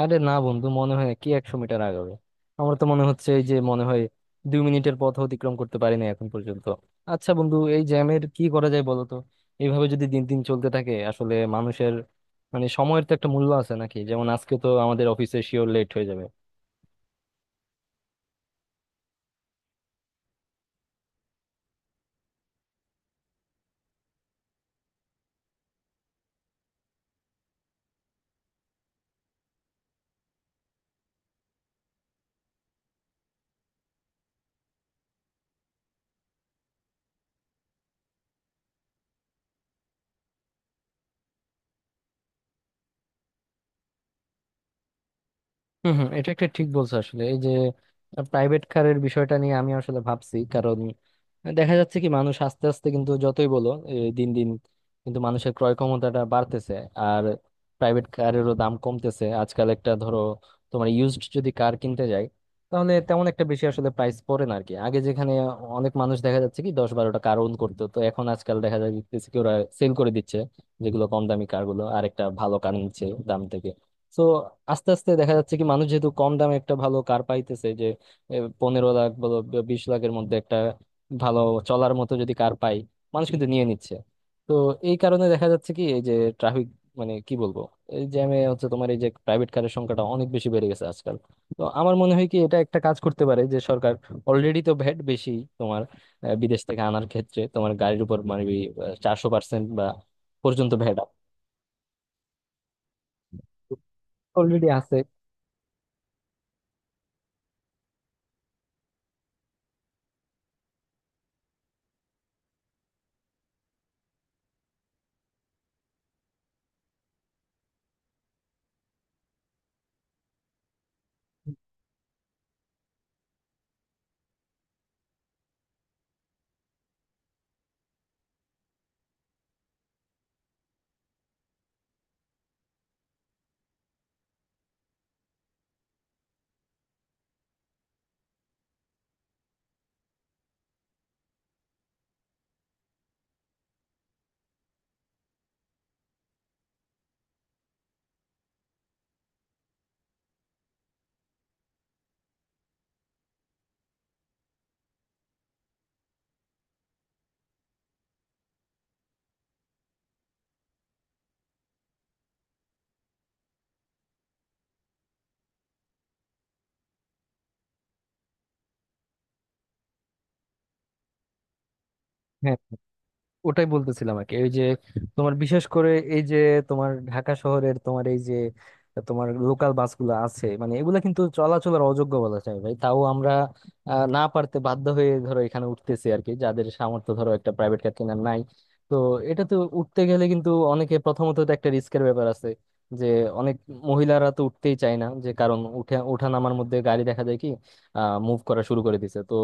আরে না বন্ধু, মনে হয় কি 100 মিটার আগাবে। আমার তো মনে হচ্ছে এই যে মনে হয় 2 মিনিটের পথ অতিক্রম করতে পারি না এখন পর্যন্ত। আচ্ছা বন্ধু, এই জ্যামের কি করা যায় বলো তো? এইভাবে যদি দিন দিন চলতে থাকে, আসলে মানুষের মানে সময়ের তো একটা মূল্য আছে নাকি? যেমন আজকে তো আমাদের অফিসে শিওর লেট হয়ে যাবে। হম হম এটা একটা ঠিক বলছো আসলে। এই যে প্রাইভেট কারের বিষয়টা নিয়ে আমি আসলে ভাবছি, কারণ দেখা যাচ্ছে কি মানুষ আস্তে আস্তে কিন্তু যতই বলো, এই দিন দিন কিন্তু মানুষের ক্রয় ক্ষমতাটা বাড়তেছে। আর প্রাইভেট কারেরও দাম কমতেছে আজকাল। একটা ধরো তোমার ইউজড যদি কার কিনতে যাই, তাহলে তেমন একটা বেশি আসলে প্রাইস পড়ে না আর কি। আগে যেখানে অনেক মানুষ দেখা যাচ্ছে কি 10-12টা কার ওন করতো, তো এখন আজকাল দেখা যাচ্ছে কি ওরা সেল করে দিচ্ছে যেগুলো কম দামি কারগুলো, আর একটা ভালো কার নিচ্ছে দাম থেকে। তো আস্তে আস্তে দেখা যাচ্ছে কি মানুষ যেহেতু কম দামে একটা ভালো কার পাইতেছে, যে 15 লাখ বলো 20 লাখের মধ্যে একটা ভালো চলার মতো যদি কার পাই, মানুষ কিন্তু নিয়ে নিচ্ছে। তো এই কারণে দেখা যাচ্ছে কি এই যে ট্রাফিক মানে কি বলবো, এই জ্যামে হচ্ছে তোমার এই যে প্রাইভেট কারের সংখ্যাটা অনেক বেশি বেড়ে গেছে আজকাল। তো আমার মনে হয় কি এটা একটা কাজ করতে পারে যে সরকার অলরেডি তো ভ্যাট বেশি, তোমার বিদেশ থেকে আনার ক্ষেত্রে তোমার গাড়ির উপর মানে 400% বা পর্যন্ত ভ্যাট অলরেডি আছে। হ্যাঁ, ওটাই বলতেছিলাম আর কি। ওই যে তোমার বিশেষ করে এই যে তোমার ঢাকা শহরের তোমার এই যে তোমার লোকাল বাসগুলো আছে, মানে এগুলা কিন্তু চলাচলের অযোগ্য বলা যায় ভাই। তাও আমরা না পারতে বাধ্য হয়ে ধরো এখানে উঠতেছি আর কি, যাদের সামর্থ্য ধরো একটা প্রাইভেট কার কেনার নাই। তো এটা তো উঠতে গেলে কিন্তু অনেকে প্রথমত তো একটা রিস্কের ব্যাপার আছে, যে অনেক মহিলারা তো উঠতেই চায় না, যে কারণ উঠে ওঠা নামার মধ্যে গাড়ি দেখা যায় কি আহ মুভ করা শুরু করে দিছে। তো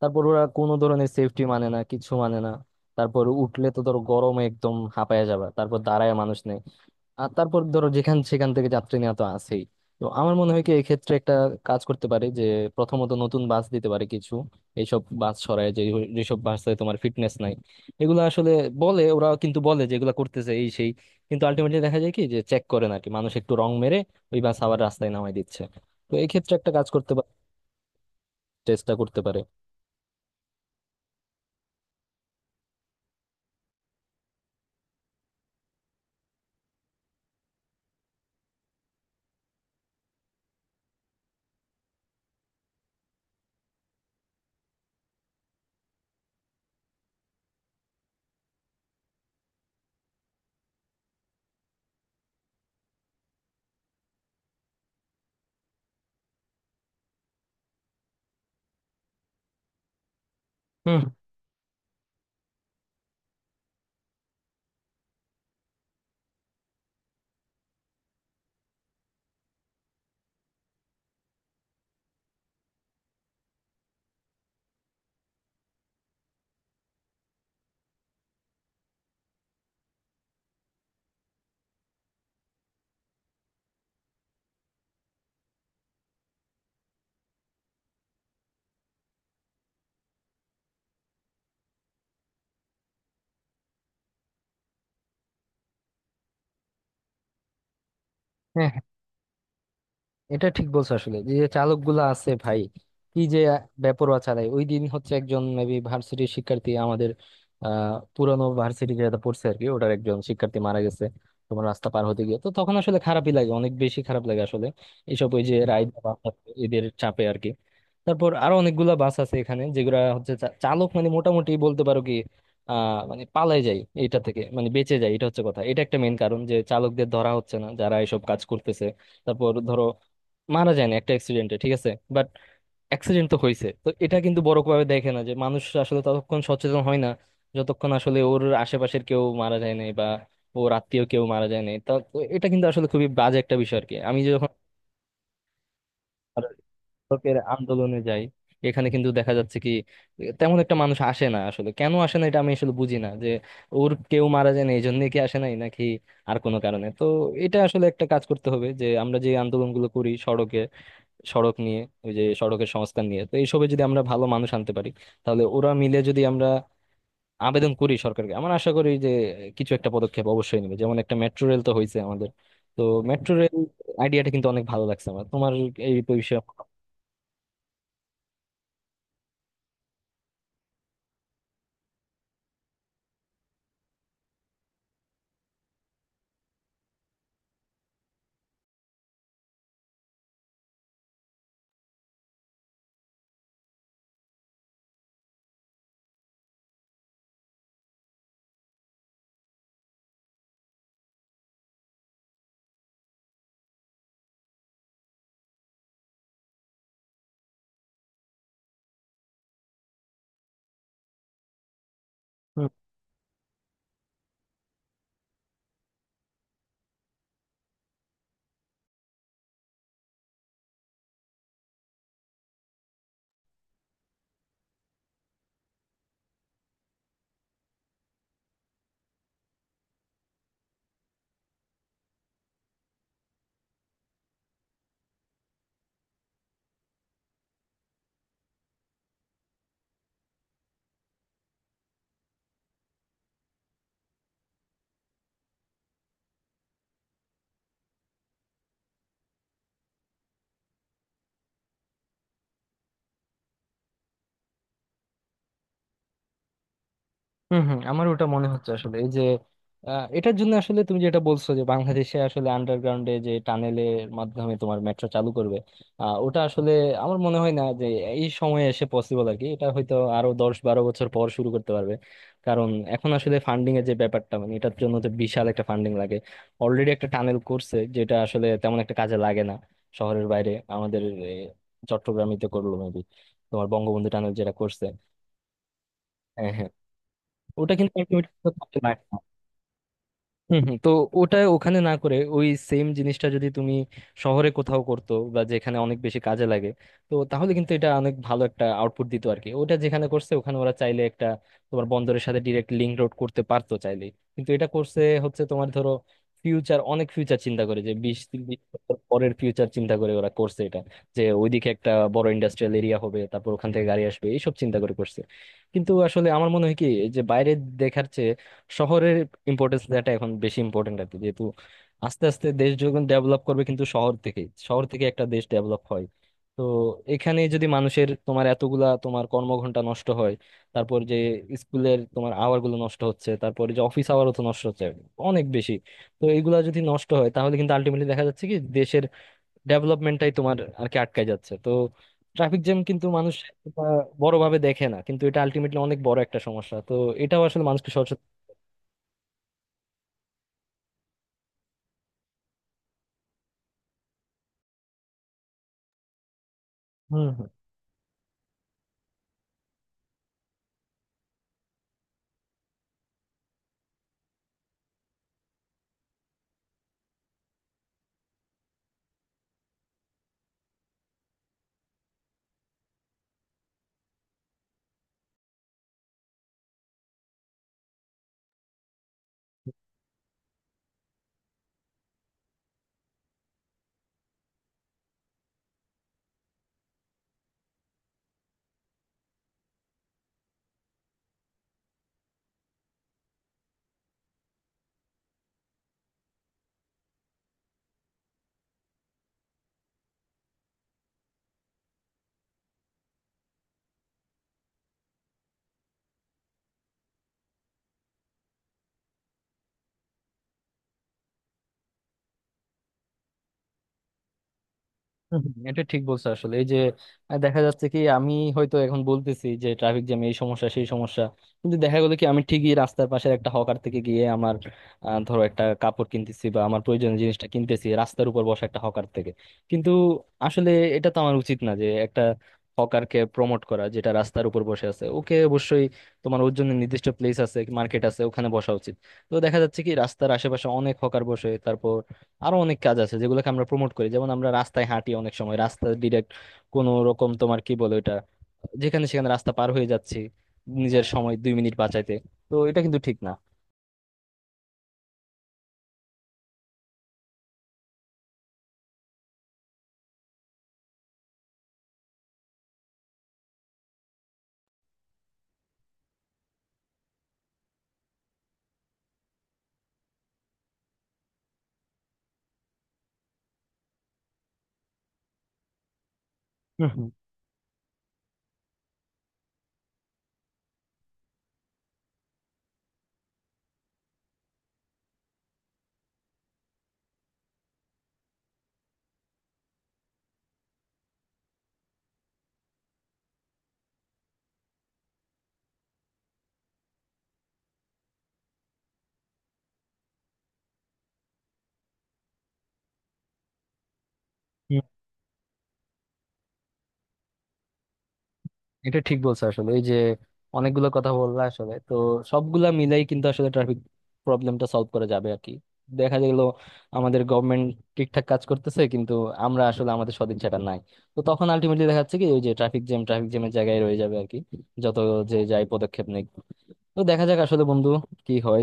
তারপর ওরা কোনো ধরনের সেফটি মানে না, কিছু মানে না। তারপর উঠলে তো ধরো গরমে একদম হাঁপায়া যাবে, তারপর দাঁড়ায় মানুষ নেই। আর তারপর ধরো যেখান সেখান থেকে যাত্রী নেওয়া তো আছেই। তো আমার মনে হয় কি এক্ষেত্রে একটা কাজ করতে পারে, যে প্রথমত নতুন বাস দিতে পারে কিছু, এইসব বাস সরায় যে যেসব বাসে তোমার ফিটনেস নাই এগুলো আসলে। বলে ওরা কিন্তু বলে যে এগুলো করতেছে এই সেই, কিন্তু আলটিমেটলি দেখা যায় কি যে চেক করে না আর কি, মানুষ একটু রং মেরে ওই বাস আবার রাস্তায় নামায় দিচ্ছে। তো এই ক্ষেত্রে একটা কাজ করতে পারে, চেষ্টা করতে পারে। হুম। হ্যাঁ, এটা ঠিক বলছো আসলে, যে চালক গুলা আছে ভাই, কি যে বেপরোয়া চালায়। ওই দিন হচ্ছে একজন মেবি ভার্সিটির শিক্ষার্থী আমাদের, আহ পুরানো ভার্সিটি যেটা পড়ছে আর কি, ওটার একজন শিক্ষার্থী মারা গেছে তোমার রাস্তা পার হতে গিয়ে। তো তখন আসলে খারাপই লাগে, অনেক বেশি খারাপ লাগে আসলে এইসব ওই যে রাইড এদের চাপে আর কি। তারপর আরো অনেকগুলা বাস আছে এখানে যেগুলা হচ্ছে চালক, মানে মোটামুটি বলতে পারো কি আহ মানে পালাই যায় এটা থেকে, মানে বেঁচে যায়। এটা হচ্ছে কথা, এটা একটা মেইন কারণ যে চালকদের ধরা হচ্ছে না যারা এসব কাজ করতেছে। তারপর ধরো মারা যায় না একটা অ্যাক্সিডেন্টে, ঠিক আছে, বাট অ্যাক্সিডেন্ট তো হয়েছে। তো এটা কিন্তু বড় ভাবে দেখে না যে মানুষ, আসলে ততক্ষণ সচেতন হয় না যতক্ষণ আসলে ওর আশেপাশের কেউ মারা যায় নাই বা ওর আত্মীয় কেউ মারা যায় নাই। তা তো এটা কিন্তু আসলে খুবই বাজে একটা বিষয় আর কি। আমি যখন আর শিক্ষকের আন্দোলনে যাই, এখানে কিন্তু দেখা যাচ্ছে কি তেমন একটা মানুষ আসে না। আসলে কেন আসে না এটা আমি আসলে বুঝি না, যে ওর কেউ মারা যায় না এই জন্য কি আসে নাই নাকি আর কোনো কারণে। তো এটা আসলে একটা কাজ করতে হবে, যে আমরা যে আন্দোলনগুলো করি সড়কে, সড়ক নিয়ে, ওই যে সড়কের সংস্কার নিয়ে, তো এইসবে যদি আমরা ভালো মানুষ আনতে পারি, তাহলে ওরা মিলে যদি আমরা আবেদন করি সরকারকে, আমার আশা করি যে কিছু একটা পদক্ষেপ অবশ্যই নেবে। যেমন একটা মেট্রো রেল তো হয়েছে আমাদের। তো মেট্রো রেল আইডিয়াটা কিন্তু অনেক ভালো লাগছে আমার, তোমার এই বিষয়ে। হম হম, আমার ওটা মনে হচ্ছে আসলে এই যে, আহ, এটার জন্য আসলে তুমি যেটা বলছো যে বাংলাদেশে আসলে আন্ডারগ্রাউন্ডে যে টানেলের মাধ্যমে তোমার মেট্রো চালু করবে, আহ, ওটা আসলে আমার মনে হয় না যে এই সময়ে এসে পসিবল আর কি। এটা হয়তো আরো 10-12 বছর পর শুরু করতে পারবে, কারণ এখন আসলে ফান্ডিং এর যে ব্যাপারটা, মানে এটার জন্য তো বিশাল একটা ফান্ডিং লাগে। অলরেডি একটা টানেল করছে যেটা আসলে তেমন একটা কাজে লাগে না, শহরের বাইরে আমাদের, এ, চট্টগ্রামই তো করলো মেবি, তোমার বঙ্গবন্ধু টানেল যেটা করছে। হ্যাঁ, হ্যাঁ, ওটা কিন্তু ultimately, হুম হুম। তো ওটা ওখানে না করে ওই সেম জিনিসটা যদি তুমি শহরে কোথাও করতো বা যেখানে অনেক বেশি কাজে লাগে, তো তাহলে কিন্তু এটা অনেক ভালো একটা আউটপুট দিত আর কি। ওটা যেখানে করছে ওখানে ওরা চাইলে একটা তোমার বন্দরের সাথে ডিরেক্ট লিঙ্ক রোড করতে পারতো চাইলে, কিন্তু এটা করছে হচ্ছে তোমার ধরো ফিউচার, অনেক ফিউচার চিন্তা করে, যে 20-30 বছর পরের ফিউচার চিন্তা করে ওরা করছে এটা, যে ওইদিকে একটা বড় ইন্ডাস্ট্রিয়াল এরিয়া হবে, তারপর ওখান থেকে গাড়ি আসবে, এইসব চিন্তা করে করছে। কিন্তু আসলে আমার মনে হয় কি, যে বাইরে দেখার চেয়ে শহরের ইম্পর্টেন্স দেওয়াটা এখন বেশি ইম্পর্টেন্ট আর কি, যেহেতু আস্তে আস্তে দেশ যখন ডেভেলপ করবে, কিন্তু শহর থেকে, শহর থেকে একটা দেশ ডেভেলপ হয়। তো এখানে যদি মানুষের তোমার এতগুলা তোমার কর্মঘন্টা নষ্ট হয়, তারপর যে স্কুলের তোমার আওয়ার গুলো নষ্ট হচ্ছে, তারপর যে অফিস আওয়ারও তো নষ্ট হচ্ছে অনেক বেশি, তো এইগুলা যদি নষ্ট হয়, তাহলে কিন্তু আলটিমেটলি দেখা যাচ্ছে কি দেশের ডেভেলপমেন্টটাই তোমার আর কি আটকায় যাচ্ছে। তো ট্রাফিক জ্যাম কিন্তু মানুষ বড় ভাবে দেখে না, কিন্তু এটা আলটিমেটলি অনেক বড় একটা সমস্যা। তো এটাও আসলে মানুষকে সচেতন। হুম হুম, এটা ঠিক বলছো আসলে এই যে, আহ, দেখা যাচ্ছে কি আমি হয়তো এখন বলতেছি যে ট্রাফিক জ্যাম এই সমস্যা সেই সমস্যা, কিন্তু দেখা গেলো কি আমি ঠিকই রাস্তার পাশের একটা হকার থেকে গিয়ে আমার আহ, ধরো একটা কাপড় কিনতেছি বা আমার প্রয়োজনীয় জিনিসটা কিনতেছি রাস্তার উপর বসা একটা হকার থেকে। কিন্তু আসলে এটা তো আমার উচিত না, যে একটা হকারকে প্রমোট করা যেটা রাস্তার উপর বসে আছে। ওকে অবশ্যই তোমার ওর জন্য নির্দিষ্ট প্লেস আছে, মার্কেট আছে, ওখানে বসা উচিত। তো দেখা যাচ্ছে কি রাস্তার আশেপাশে অনেক হকার বসে। তারপর আরো অনেক কাজ আছে যেগুলোকে আমরা প্রমোট করি, যেমন আমরা রাস্তায় হাঁটি অনেক সময়, রাস্তা ডিরেক্ট কোনো রকম তোমার কি বলে ওটা, যেখানে সেখানে রাস্তা পার হয়ে যাচ্ছি নিজের সময় 2 মিনিট বাঁচাইতে। তো এটা কিন্তু ঠিক না। হুম, হুম, হুম। এটা ঠিক বলছো আসলে এই যে, অনেকগুলো কথা বললা আসলে। তো সবগুলা মিলাই কিন্তু আসলে ট্রাফিক প্রবলেমটা সলভ করা যাবে আর কি। দেখা গেল আমাদের গভর্নমেন্ট ঠিকঠাক কাজ করতেছে, কিন্তু আমরা আসলে আমাদের সদিচ্ছাটা নাই। তো তখন আলটিমেটলি দেখা যাচ্ছে কি ওই যে ট্রাফিক জ্যাম ট্রাফিক জ্যামের জায়গায় রয়ে যাবে আর কি, যত যে যাই পদক্ষেপ নেই। তো দেখা যাক আসলে বন্ধু কি হয়।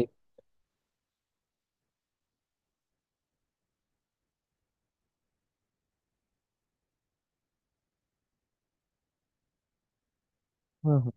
হুম হুম।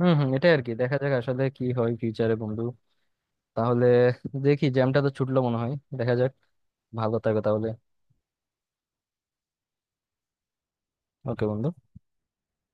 হম হম, এটাই আর কি, দেখা যাক আসলে কি হয় ফিউচারে বন্ধু। তাহলে দেখি জ্যামটা তো ছুটলো মনে হয়। দেখা যাক। ভালো থাকো তাহলে। ওকে বন্ধু।